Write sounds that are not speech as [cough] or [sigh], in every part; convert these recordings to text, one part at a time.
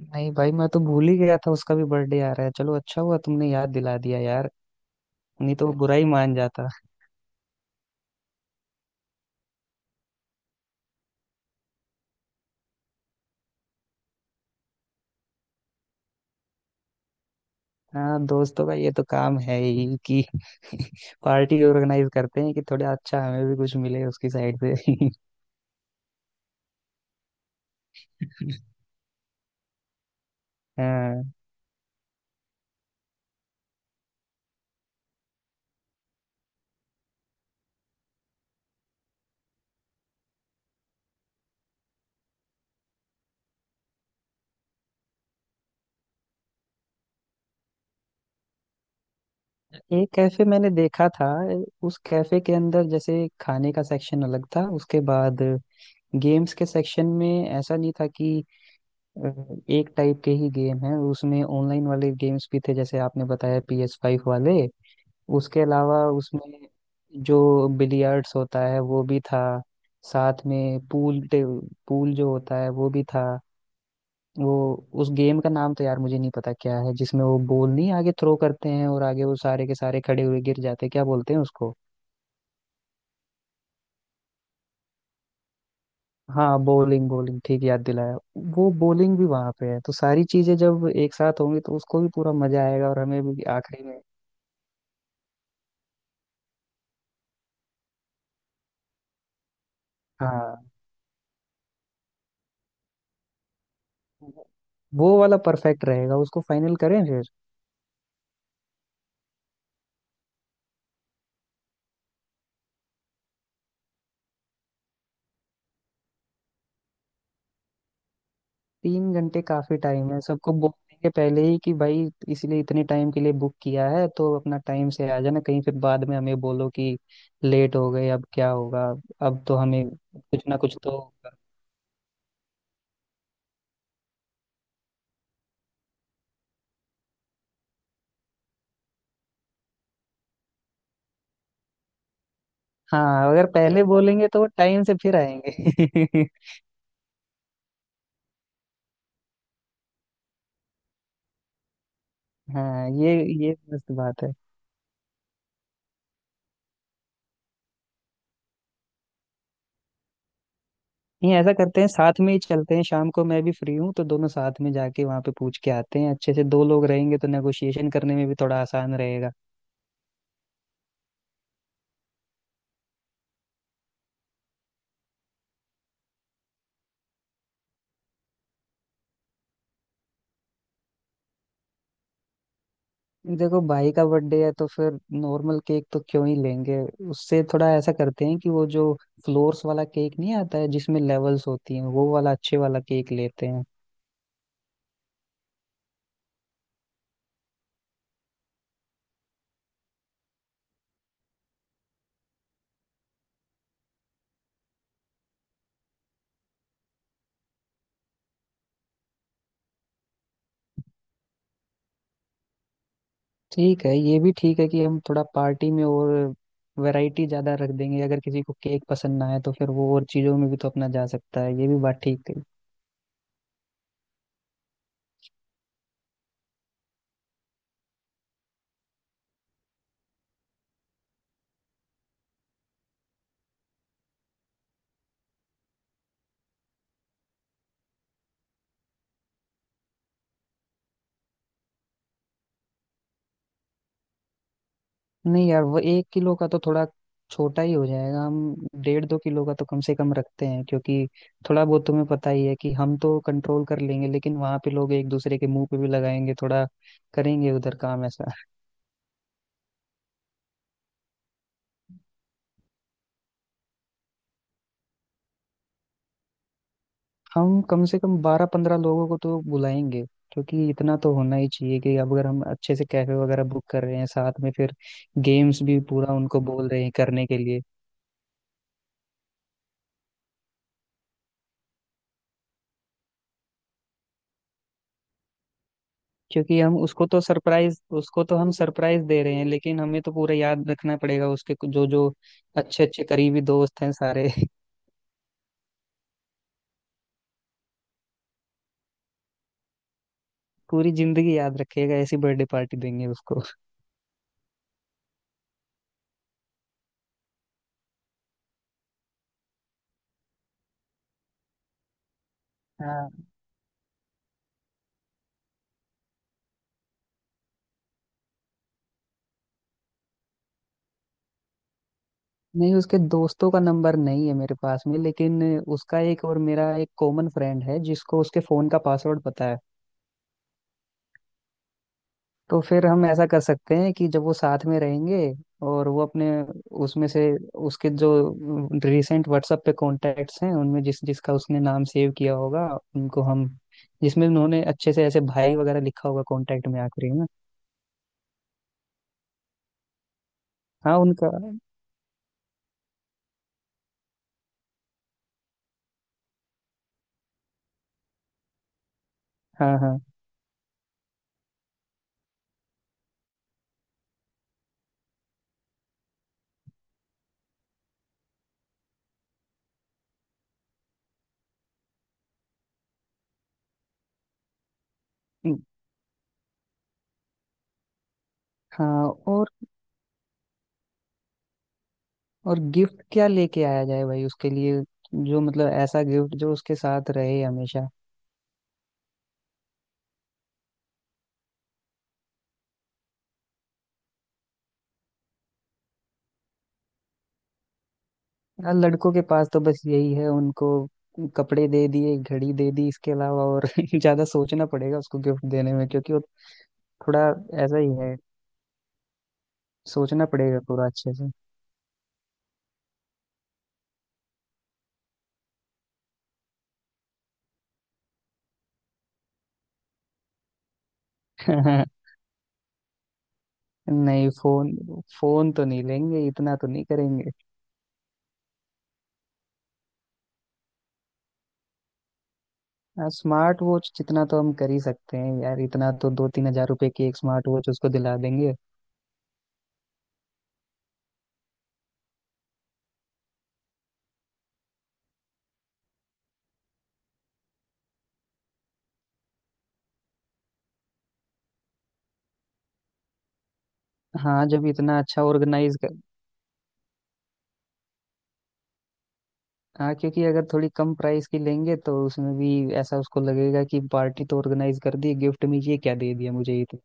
नहीं भाई, मैं तो भूल ही गया था उसका भी बर्थडे आ रहा है। चलो अच्छा हुआ तुमने याद दिला दिया यार। नहीं तो वो बुरा ही मान जाता। हाँ दोस्तों का ये तो काम है ही कि [laughs] पार्टी ऑर्गेनाइज करते हैं कि थोड़ा अच्छा हमें भी कुछ मिले उसकी साइड से। [laughs] हाँ। एक कैफे मैंने देखा था। उस कैफे के अंदर जैसे खाने का सेक्शन अलग था। उसके बाद गेम्स के सेक्शन में ऐसा नहीं था कि अ, एक टाइप के ही गेम है। उसमें ऑनलाइन वाले गेम्स भी थे, जैसे आपने बताया PS5 वाले। उसके अलावा उसमें जो बिलियर्ड्स होता है वो भी था। साथ में पूल। पूल जो होता है वो भी था। वो उस गेम का नाम तो यार मुझे नहीं पता क्या है, जिसमें वो बॉल नहीं आगे थ्रो करते हैं और आगे वो सारे के सारे खड़े हुए गिर जाते हैं। क्या बोलते हैं उसको। हाँ, बॉलिंग, बॉलिंग, ठीक याद दिलाया। वो बॉलिंग भी वहां पे है, तो सारी चीजें जब एक साथ होंगी तो उसको भी पूरा मजा आएगा और हमें भी आखिरी में। हाँ, वो वाला परफेक्ट रहेगा, उसको फाइनल करें फिर। तीन घंटे काफी टाइम है सबको बोलने के पहले ही कि भाई इसलिए इतने टाइम के लिए बुक किया है, तो अपना टाइम से आ जाना, कहीं फिर बाद में हमें बोलो कि लेट हो गए अब क्या होगा। अब तो हमें कुछ ना कुछ तो होगा। हाँ अगर पहले बोलेंगे तो वो टाइम से फिर आएंगे। [laughs] हाँ ये मस्त बात है। नहीं ऐसा करते हैं, साथ में ही चलते हैं, शाम को मैं भी फ्री हूँ, तो दोनों साथ में जाके वहाँ पे पूछ के आते हैं। अच्छे से दो लोग रहेंगे तो नेगोशिएशन करने में भी थोड़ा आसान रहेगा। देखो भाई का बर्थडे है तो फिर नॉर्मल केक तो क्यों ही लेंगे। उससे थोड़ा ऐसा करते हैं कि वो जो फ्लोर्स वाला केक नहीं आता है, जिसमें लेवल्स होती हैं, वो वाला अच्छे वाला केक लेते हैं। ठीक है, ये भी ठीक है कि हम थोड़ा पार्टी में और वैरायटी ज्यादा रख देंगे। अगर किसी को केक पसंद ना आए तो फिर वो और चीजों में भी तो अपना जा सकता है। ये भी बात ठीक है। नहीं यार वो 1 किलो का तो थोड़ा छोटा ही हो जाएगा। हम डेढ़ दो किलो का तो कम से कम रखते हैं, क्योंकि थोड़ा बहुत तुम्हें पता ही है कि हम तो कंट्रोल कर लेंगे, लेकिन वहां पे लोग एक दूसरे के मुंह पे भी लगाएंगे, थोड़ा करेंगे उधर काम ऐसा। हम कम से कम 12 15 लोगों को तो बुलाएंगे, क्योंकि इतना तो होना ही चाहिए कि अब अगर हम अच्छे से कैफे वगैरह बुक कर रहे हैं, साथ में फिर गेम्स भी पूरा उनको बोल रहे हैं करने के लिए। क्योंकि हम उसको तो सरप्राइज, उसको तो हम सरप्राइज दे रहे हैं, लेकिन हमें तो पूरा याद रखना पड़ेगा उसके जो जो अच्छे अच्छे करीबी दोस्त हैं सारे। [laughs] पूरी जिंदगी याद रखेगा, ऐसी बर्थडे पार्टी देंगे उसको। हाँ। नहीं उसके दोस्तों का नंबर नहीं है मेरे पास में, लेकिन उसका एक और मेरा एक कॉमन फ्रेंड है जिसको उसके फोन का पासवर्ड पता है। तो फिर हम ऐसा कर सकते हैं कि जब वो साथ में रहेंगे और वो अपने उसमें से उसके जो रिसेंट WhatsApp पे कॉन्टैक्ट्स हैं, उनमें जिस जिसका उसने नाम सेव किया होगा, उनको हम, जिसमें उन्होंने अच्छे से ऐसे भाई वगैरह लिखा होगा कॉन्टैक्ट में आखिरी में। हाँ उनका। हाँ हाँ। उम, हाँ। और गिफ्ट क्या लेके आया जाए भाई उसके लिए, जो मतलब ऐसा गिफ्ट जो उसके साथ रहे हमेशा। यार लड़कों के पास तो बस यही है, उनको कपड़े दे दिए, घड़ी दे दी, इसके अलावा और [laughs] ज्यादा सोचना पड़ेगा उसको गिफ्ट देने में, क्योंकि वो थोड़ा ऐसा ही है। सोचना पड़ेगा पूरा अच्छे से। [laughs] नहीं फोन, फोन तो नहीं लेंगे, इतना तो नहीं करेंगे। हाँ, स्मार्ट वॉच जितना तो हम कर ही सकते हैं यार, इतना तो। 2 3 हजार रुपए की एक स्मार्ट वॉच उसको दिला देंगे। हाँ जब इतना अच्छा ऑर्गेनाइज। हाँ क्योंकि अगर थोड़ी कम प्राइस की लेंगे तो उसमें भी ऐसा उसको लगेगा कि पार्टी तो ऑर्गेनाइज कर दी, गिफ्ट में ये क्या दे दिया मुझे, ये तो।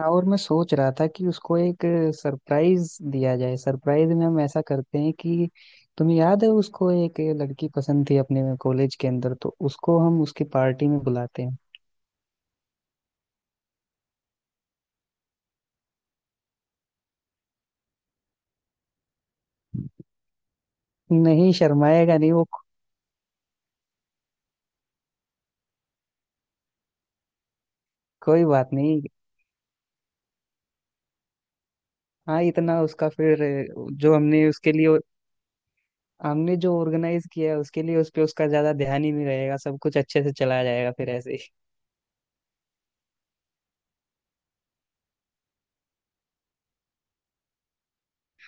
हाँ, और मैं सोच रहा था कि उसको एक सरप्राइज दिया जाए। सरप्राइज में हम ऐसा करते हैं कि तुम्हें याद है उसको एक लड़की पसंद थी अपने कॉलेज के अंदर, तो उसको हम उसकी पार्टी में बुलाते हैं। नहीं शर्माएगा नहीं वो। कोई बात नहीं। हाँ इतना उसका फिर जो हमने उसके लिए, हमने जो ऑर्गेनाइज किया है उसके लिए, उस पे उसका ज्यादा ध्यान ही नहीं रहेगा, सब कुछ अच्छे से चला जाएगा फिर ऐसे ही।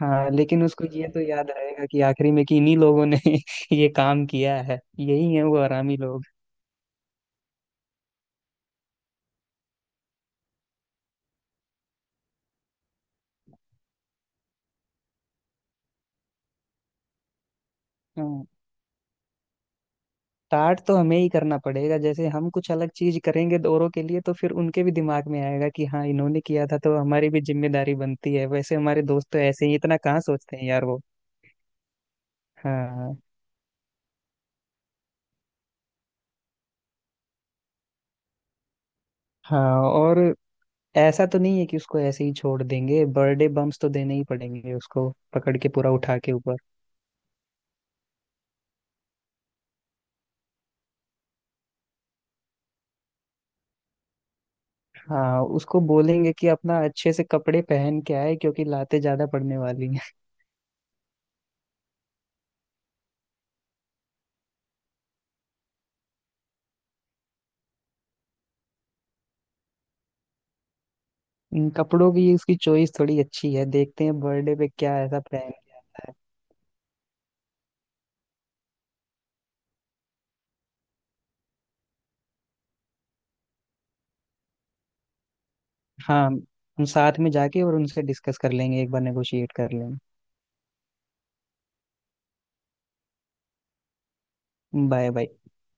हाँ लेकिन उसको ये तो याद रहेगा कि आखिरी में कि इन्हीं लोगों ने [laughs] ये काम किया है, यही है वो हरामी लोग। हाँ, स्टार्ट तो हमें ही करना पड़ेगा। जैसे हम कुछ अलग चीज करेंगे औरों के लिए तो फिर उनके भी दिमाग में आएगा कि हाँ इन्होंने किया था तो हमारी भी जिम्मेदारी बनती है। वैसे हमारे दोस्त तो ऐसे ही, इतना कहाँ सोचते हैं यार वो। हाँ। हाँ और ऐसा तो नहीं है कि उसको ऐसे ही छोड़ देंगे, बर्थडे बम्स तो देने ही पड़ेंगे उसको, पकड़ के पूरा उठा के ऊपर। हाँ उसको बोलेंगे कि अपना अच्छे से कपड़े पहन के आए क्योंकि लातें ज्यादा पड़ने वाली हैं। इन कपड़ों की, उसकी चॉइस थोड़ी अच्छी है, देखते हैं बर्थडे पे क्या ऐसा पहनता है। हाँ। हम साथ में जाके और उनसे डिस्कस कर लेंगे, एक बार नेगोशिएट कर लेंगे। Bye bye.